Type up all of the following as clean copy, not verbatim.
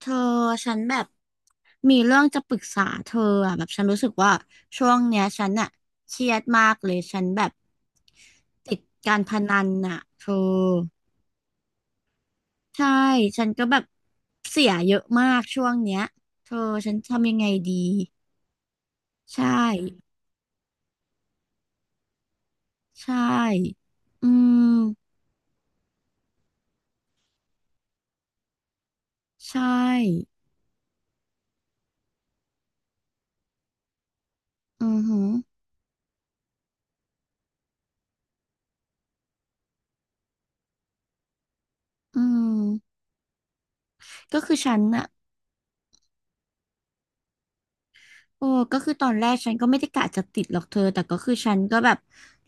เธอฉันแบบมีเรื่องจะปรึกษาเธออ่ะแบบฉันรู้สึกว่าช่วงเนี้ยฉันอ่ะเครียดมากเลยฉันแบบติดการพนันอ่ะเธอใช่ฉันก็แบบเสียเยอะมากช่วงเนี้ยเธอฉันทำยังไงดีใช่ใช่อืมใช่อือหืออืมก็คือฉันอ่ะ โอ้ก็คือตอนแรกฉันก็ไม่ได้กะจะติดหรอกเธอแต่ก็คือฉันก็แบบ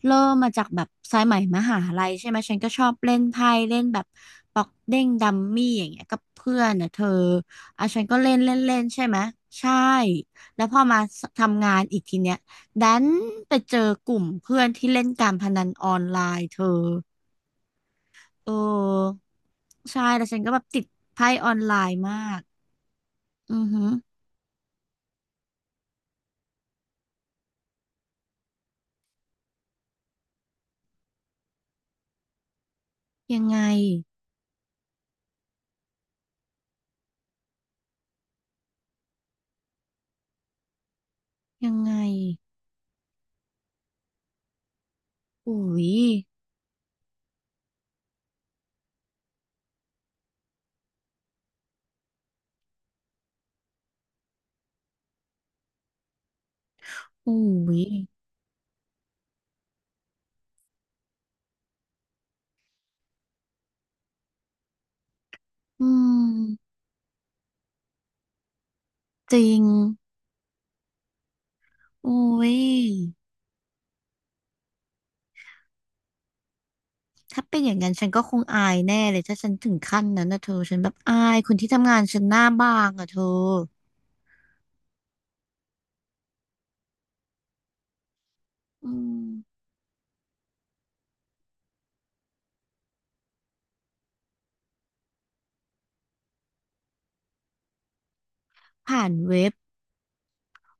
เริ่มมาจากแบบสายไหมมหาลัยใช่ไหมฉันก็ชอบเล่นไพ่เล่นแบบปอกเด้งดัมมี่อย่างเงี้ยกับเพื่อนนะเธออ่ะฉันก็เล่นเล่นเล่นใช่ไหมใช่ แล้วพอมาทำงานอีกทีเนี้ยดันไปเจอกลุ่มเพื่อนที่เล่นการพนันออนไลน์เธอ เออใช่แล้วฉันก็แบบติดไพ่ออนไลน์มากอือหือยังไงยังไงอุ้ย อุ้ย อืมจริงอุ้ย ถ้าเป็นอย่างนั้นฉันก็คงอายแน่เลยถ้าฉันถึงขั้นนั้นนะเธอฉันแบบอายคนที่ทำงานฉันหน้าบางอะเธออืมผ่านเว็บ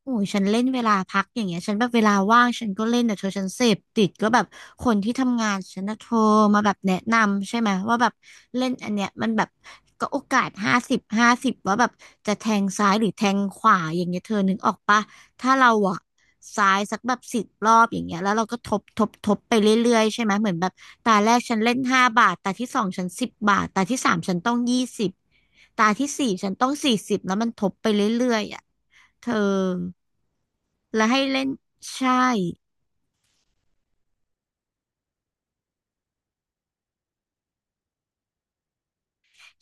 โอ้ยฉันเล่นเวลาพักอย่างเงี้ยฉันแบบเวลาว่างฉันก็เล่นแต่เธอฉันเสพติดก็แบบคนที่ทำงานฉันนะโทรมาแบบแนะนำใช่ไหมว่าแบบเล่นอันเนี้ยมันแบบก็โอกาสห้าสิบห้าสิบว่าแบบจะแทงซ้ายหรือแทงขวาอย่างเงี้ยเธอนึกออกปะถ้าเราอะซ้ายสักแบบ10 รอบอย่างเงี้ยแล้วเราก็ทบไปเรื่อยๆใช่ไหมเหมือนแบบตาแรกฉันเล่น5 บาทตาที่สองฉัน10 บาทตาที่สามฉันต้อง20ตาที่สี่ฉันต้อง40แล้วมันทบไปเรื่อยๆอะ เธอและให้เล่นใช่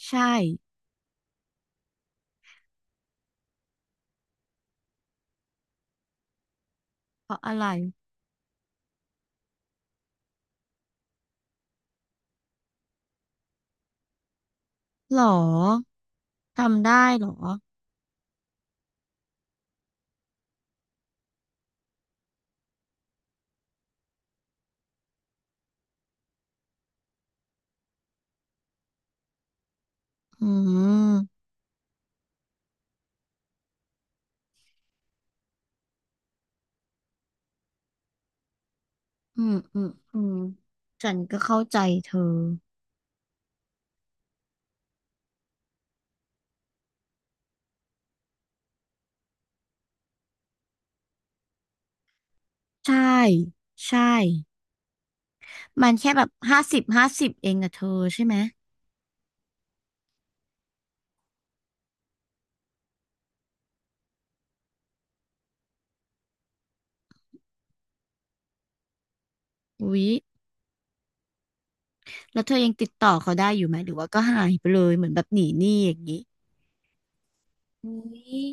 ใช่เพราะอะไรหรอทำได้หรออืมอืมฉันก็เข้าใจเธอใช่ใช่มันแค่แบบห้าสิบห้าสิบเองอะเธอใช่ไหมอุ๊ยแล้วเธอยังติดต่อเขาได้อยู่ไหมหรือว่าก็หายไปเลยเหมือนแบบหนีหนี้อย่างนี้อุ๊ย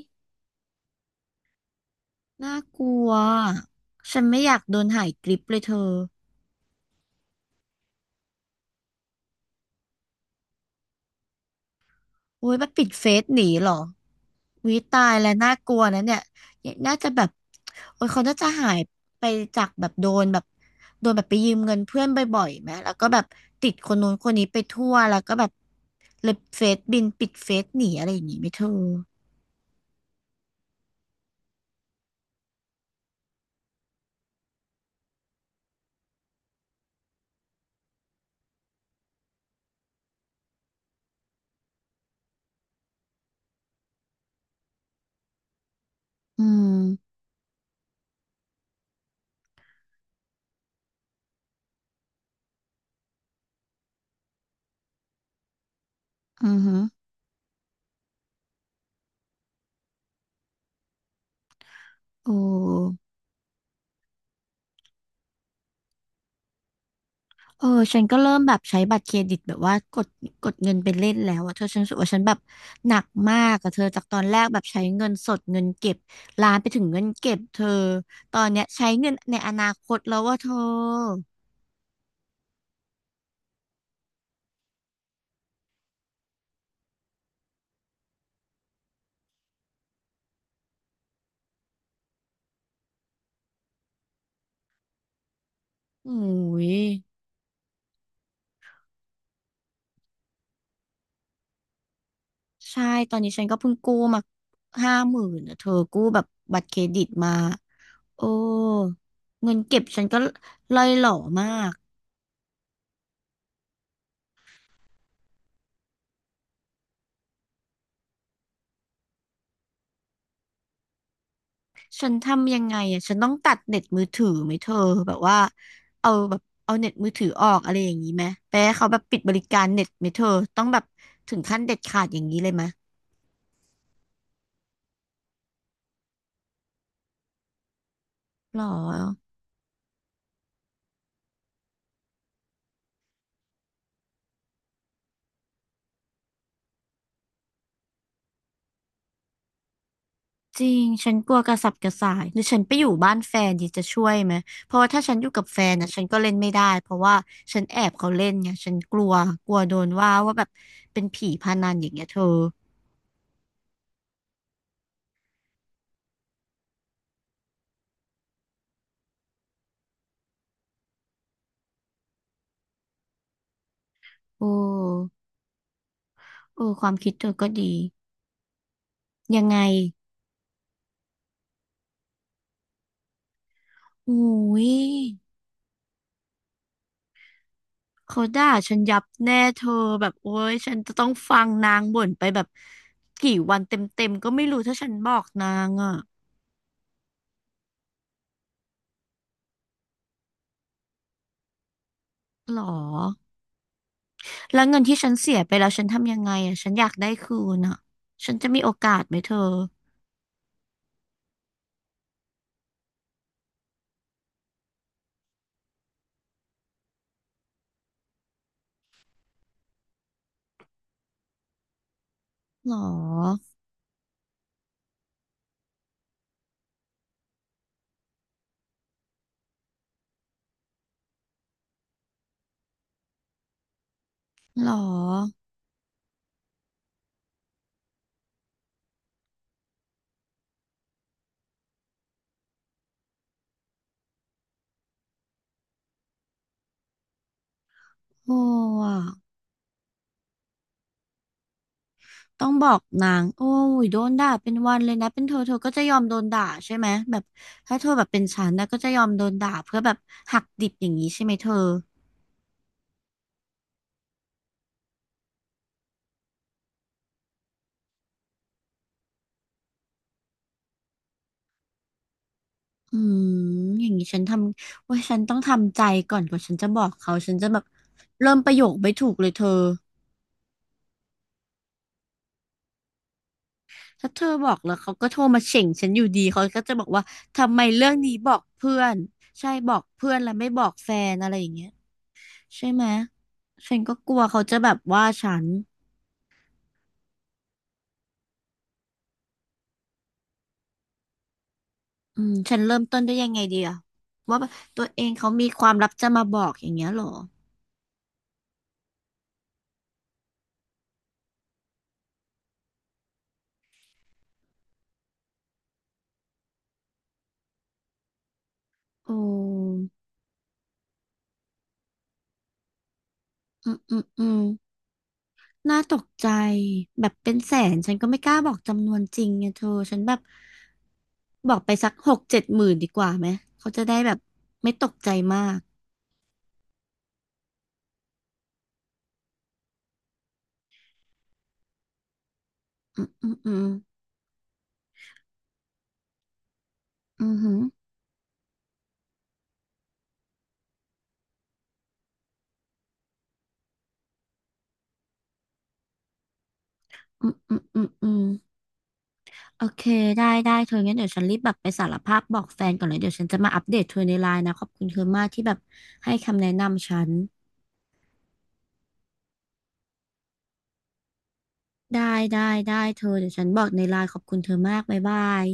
น่ากลัวฉันไม่อยากโดนหายกริปเลยเธอ โอ้ยมันปิดเฟซหนีเหรอวิตายแล้วน่ากลัวนะเนี่ยน่าจะแบบ โอ้ยเขาน่าจะหายไปจากแบบโดนแบบไปยืมเงินเพื่อนบ่อยๆไหมแล้วก็แบบติดคนนู้นคนนี้ไปทั่วแล้วก็แบบเลยเฟซบินปิดเฟซหนีอะไรอย่างงี้ไหม่เธออืมอือฮึโอ้ เออฉันก็เริ่มแบบใช้บัตรเครดิตแบบว่ากดเงินไปเล่นแล้วอะเธอฉันรู้สึกว่าฉันแบบหนักมากอะเธอจากตอนแรกแบบใช้เงินสดเงินเก็บลามไปถึงเงินเก็บเธอตอนเนี้ยใช้เงินในอนาคตแล้วว่าเธอโอ้ยใช่ตอนนี้ฉันก็เพิ่งกู้มา50,000อะเธอกู้แบบบัตรเครดิตมาโอ้เงินเก็บฉันก็ล่อยหล่อมาก ฉันทำยังไงอ่ะฉันต้องตัดเน็ตมือถือไหมเธอแบบว่าเอาแบบเอาเน็ตมือถือออกอะไรอย่างนี้ไหมไปให้เขาแบบปิดบริการเน็ตไหมเธอต้องแบบถึงขั้นเด็ดขาดอย่างนี้เลยไหมหรอจริงฉันกลัวกระสับกระส่ายหรือฉันไปอยู่บ้านแฟนดีจะช่วยไหมเพราะว่าถ้าฉันอยู่กับแฟนนะฉันก็เล่นไม่ได้เพราะว่าฉันแอบเขาเล่นไงฉันกลัวกลัวโดนว่าว่าแบบเป็นผีพนันอย่างเงี้ยเธอโอ้โอ้ความคิดเธอก็ดียังไงอุ้ย เขาด่าฉันยับแน่เธอแบบโอ๊ยฉันจะต้องฟังนางบ่นไปแบบกี่วันเต็มๆก็ไม่รู้ถ้าฉันบอกนางอ่ะหรอแล้วเงินที่ฉันเสียไปแล้วฉันทำยังไงอ่ะฉันอยากได้คืนอ่ะฉันจะมีโอกาสไหมเธอหรอหรอโอ้อะต้องบอกนางโอ้ยโดนด่าเป็นวันเลยนะเป็นเธอเธอก็จะยอมโดนด่าใช่ไหมแบบถ้าเธอแบบเป็นฉันนะก็จะยอมโดนด่าเพื่อแบบหักดิบอย่างนี้ใช่ไหมเธอ อืมอย่างนี้ฉันทำว่าฉันต้องทำใจก่อนกว่าฉันจะบอกเขาฉันจะแบบเริ่มประโยคไม่ถูกเลยเธอถ้าเธอบอกแล้วเขาก็โทรมาเฉ่งฉันอยู่ดีเขาก็จะบอกว่าทำไมเรื่องนี้บอกเพื่อนใช่บอกเพื่อนแล้วไม่บอกแฟนอะไรอย่างเงี้ยใช่ไหมฉันก็กลัวเขาจะแบบว่าฉันอืมฉันเริ่มต้นได้ยังไงดีอะว่าแบบตัวเองเขามีความลับจะมาบอกอย่างเงี้ยเหรอโอ้อืม น่าตกใจแบบเป็นแสนฉันก็ไม่กล้าบอกจำนวนจริงไงเธอฉันแบบบอกไปสัก60,000-70,000ดีกว่าไหมเขาจะได้แบบไม่ตกใจมากอืมอืมอืมอืมหืมอืมอืมอืมอืมโอเคได้ได้เธองั้นเดี๋ยวฉันรีบแบบไปสารภาพบอกแฟนก่อนเลยเดี๋ยวฉันจะมาอัปเดตเธอในไลน์นะขอบคุณเธอมากที่แบบให้คำแนะนำฉันได้ได้ได้เธอเดี๋ยวฉันบอกในไลน์ขอบคุณเธอมากบ๊ายบาย